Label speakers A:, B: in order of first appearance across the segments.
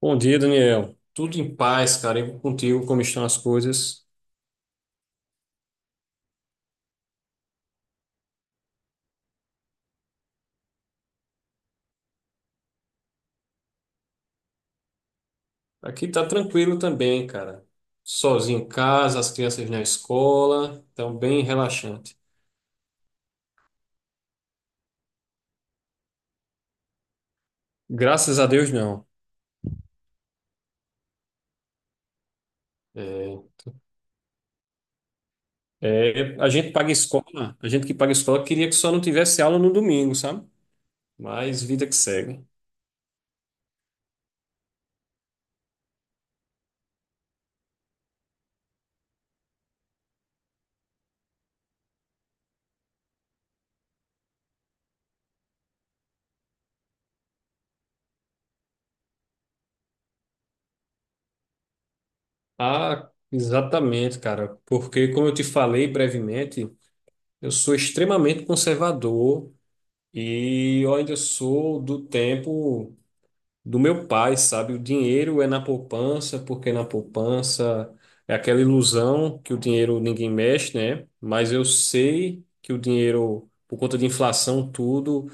A: Bom dia, Daniel. Tudo em paz, cara. E contigo, como estão as coisas? Aqui tá tranquilo também, cara. Sozinho em casa, as crianças na escola, então bem relaxante. Graças a Deus, não. É, é, a gente paga escola, a gente que paga escola queria que só não tivesse aula no domingo, sabe? Mas vida que segue. Ah, exatamente, cara. Porque, como eu te falei brevemente, eu sou extremamente conservador e eu ainda sou do tempo do meu pai, sabe? O dinheiro é na poupança, porque na poupança é aquela ilusão que o dinheiro ninguém mexe, né? Mas eu sei que o dinheiro, por conta de inflação, tudo,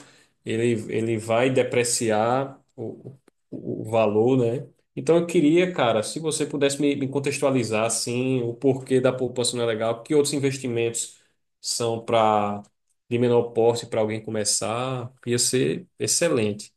A: ele vai depreciar o valor, né? Então eu queria, cara, se você pudesse me contextualizar, assim, o porquê da poupança não é legal, que outros investimentos são para de menor porte para alguém começar, ia ser excelente.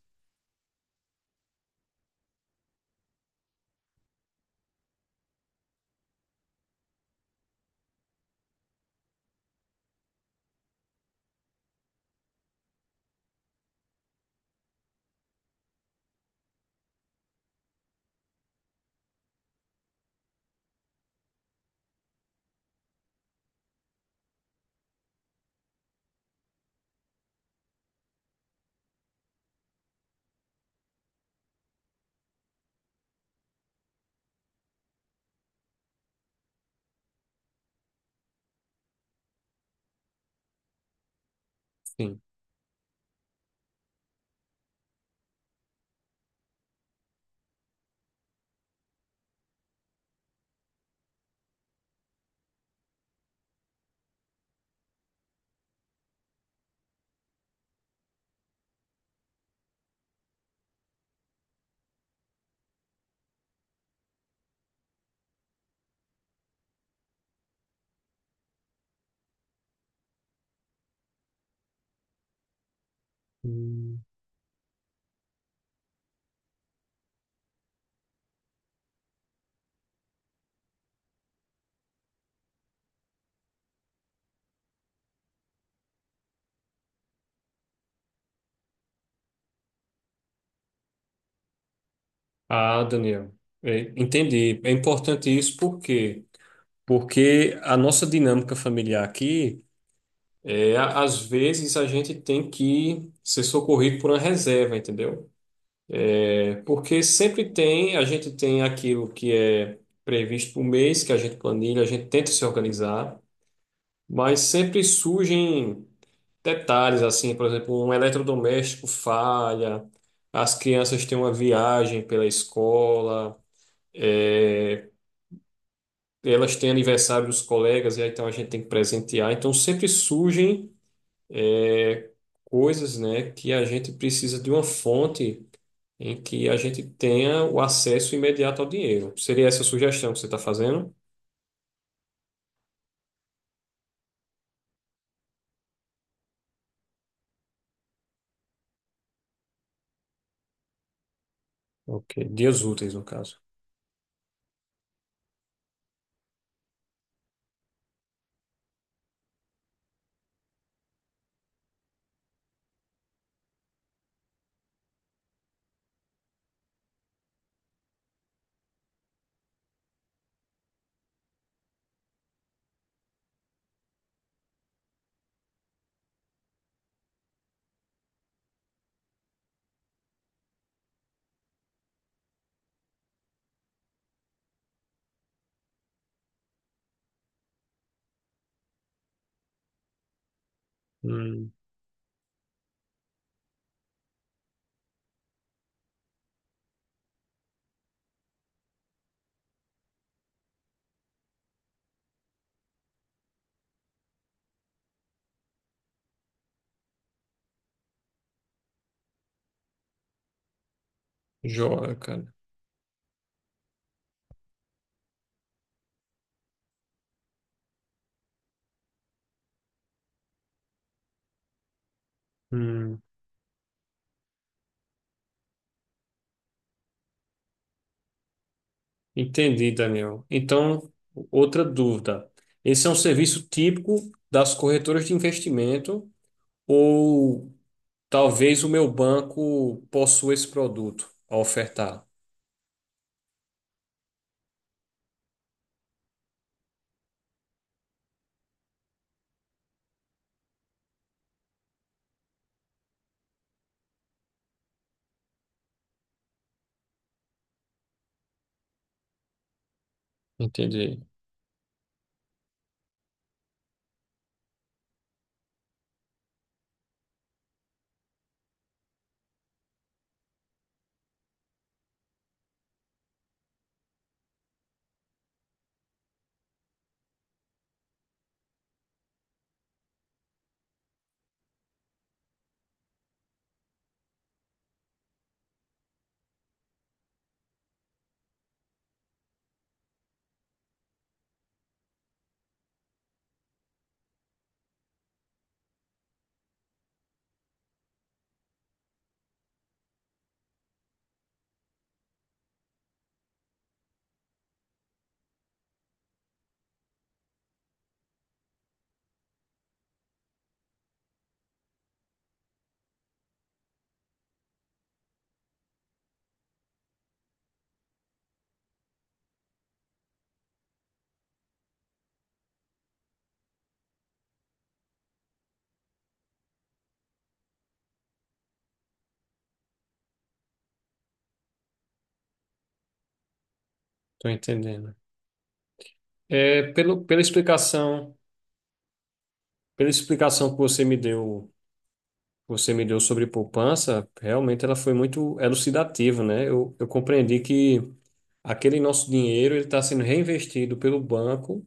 A: Sim. Ah, Daniel, entendi. É importante isso por quê? Porque a nossa dinâmica familiar aqui, às vezes a gente tem que ser socorrido por uma reserva, entendeu? É, porque sempre tem, a gente tem aquilo que é previsto por mês, que a gente planilha, a gente tenta se organizar, mas sempre surgem detalhes, assim, por exemplo, um eletrodoméstico falha, as crianças têm uma viagem pela escola. é, Elas têm aniversário dos colegas, e aí então a gente tem que presentear. Então sempre surgem é, coisas, né, que a gente precisa de uma fonte em que a gente tenha o acesso imediato ao dinheiro. Seria essa a sugestão que você está fazendo? Ok, dias úteis, no caso. Hum, joia, cara. Hum, entendi, Daniel. Então, outra dúvida. Esse é um serviço típico das corretoras de investimento ou talvez o meu banco possua esse produto a ofertar. Entendi. Tô entendendo. É, pelo, pela explicação que você me deu, sobre poupança, realmente ela foi muito elucidativa, né? Eu compreendi que aquele nosso dinheiro ele está sendo reinvestido pelo banco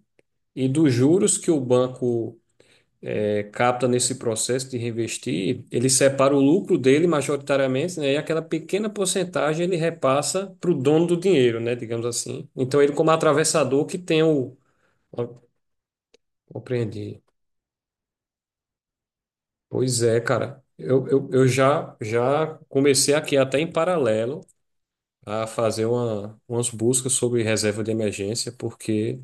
A: e dos juros que o banco capta nesse processo de reinvestir, ele separa o lucro dele majoritariamente, né, e aquela pequena porcentagem ele repassa para o dono do dinheiro, né, digamos assim. Então ele como atravessador que tem o. Ó, compreendi. Pois é, cara. Eu já comecei aqui até em paralelo a fazer umas buscas sobre reserva de emergência, porque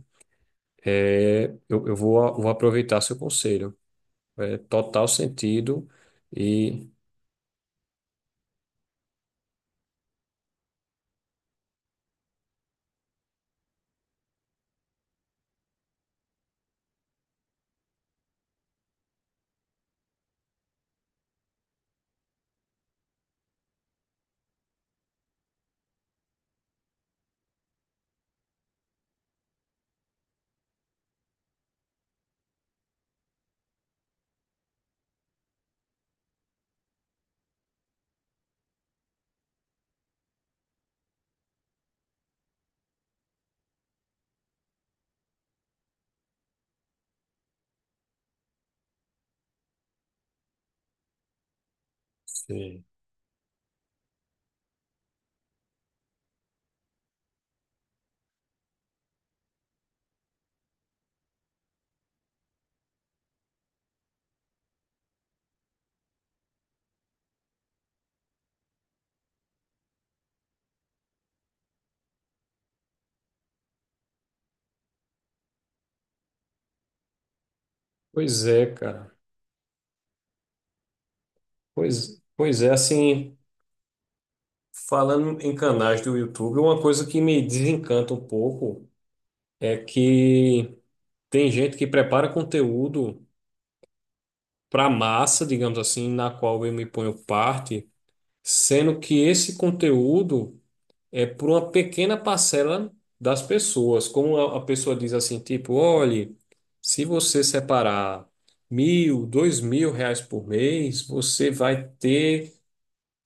A: eu vou aproveitar seu conselho. É total sentido e. Sim. Pois é, cara. Pois é, assim, falando em canais do YouTube, uma coisa que me desencanta um pouco é que tem gente que prepara conteúdo para massa, digamos assim, na qual eu me ponho parte, sendo que esse conteúdo é para uma pequena parcela das pessoas. Como a pessoa diz assim, tipo, olhe, se você separar mil, R$ 2.000 por mês, você vai ter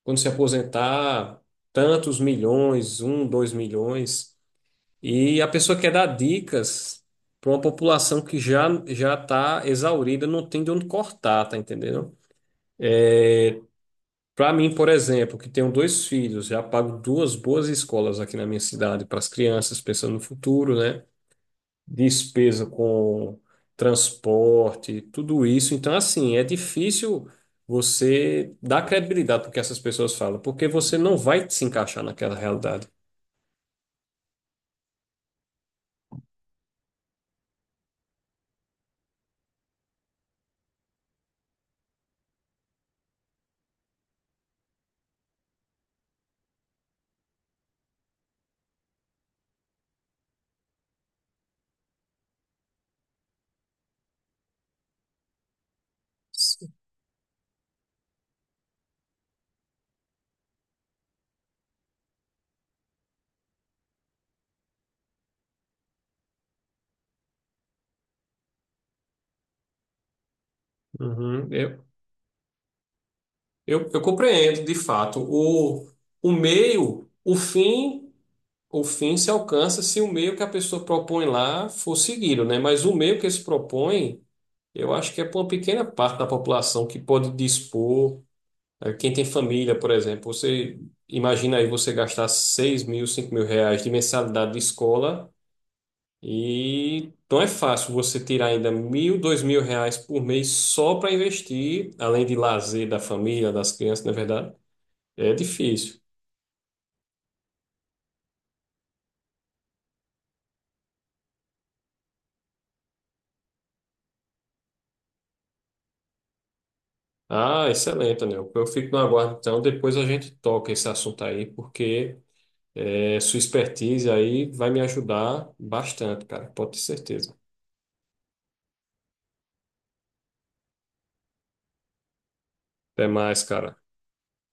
A: quando se aposentar, tantos milhões, um, 2 milhões. E a pessoa quer dar dicas para uma população que já está exaurida, não tem de onde cortar, tá entendendo? Para mim, por exemplo, que tenho dois filhos, já pago duas boas escolas aqui na minha cidade para as crianças, pensando no futuro, né? Despesa com transporte, tudo isso. Então, assim, é difícil você dar credibilidade para o que essas pessoas falam, porque você não vai se encaixar naquela realidade. Uhum. Eu compreendo, de fato. O meio, o fim se alcança se o meio que a pessoa propõe lá for seguido, né? Mas o meio que se propõe, eu acho que é para uma pequena parte da população que pode dispor. Quem tem família, por exemplo, você imagina aí você gastar seis mil, R$ 5.000 de mensalidade de escola. E não é fácil você tirar ainda mil, R$ 2.000 por mês só para investir, além de lazer da família, das crianças, na verdade. É difícil. Ah, excelente, Anel. Eu fico no aguardo, então. Depois a gente toca esse assunto aí, porque sua expertise aí vai me ajudar bastante, cara. Pode ter certeza. Até mais, cara.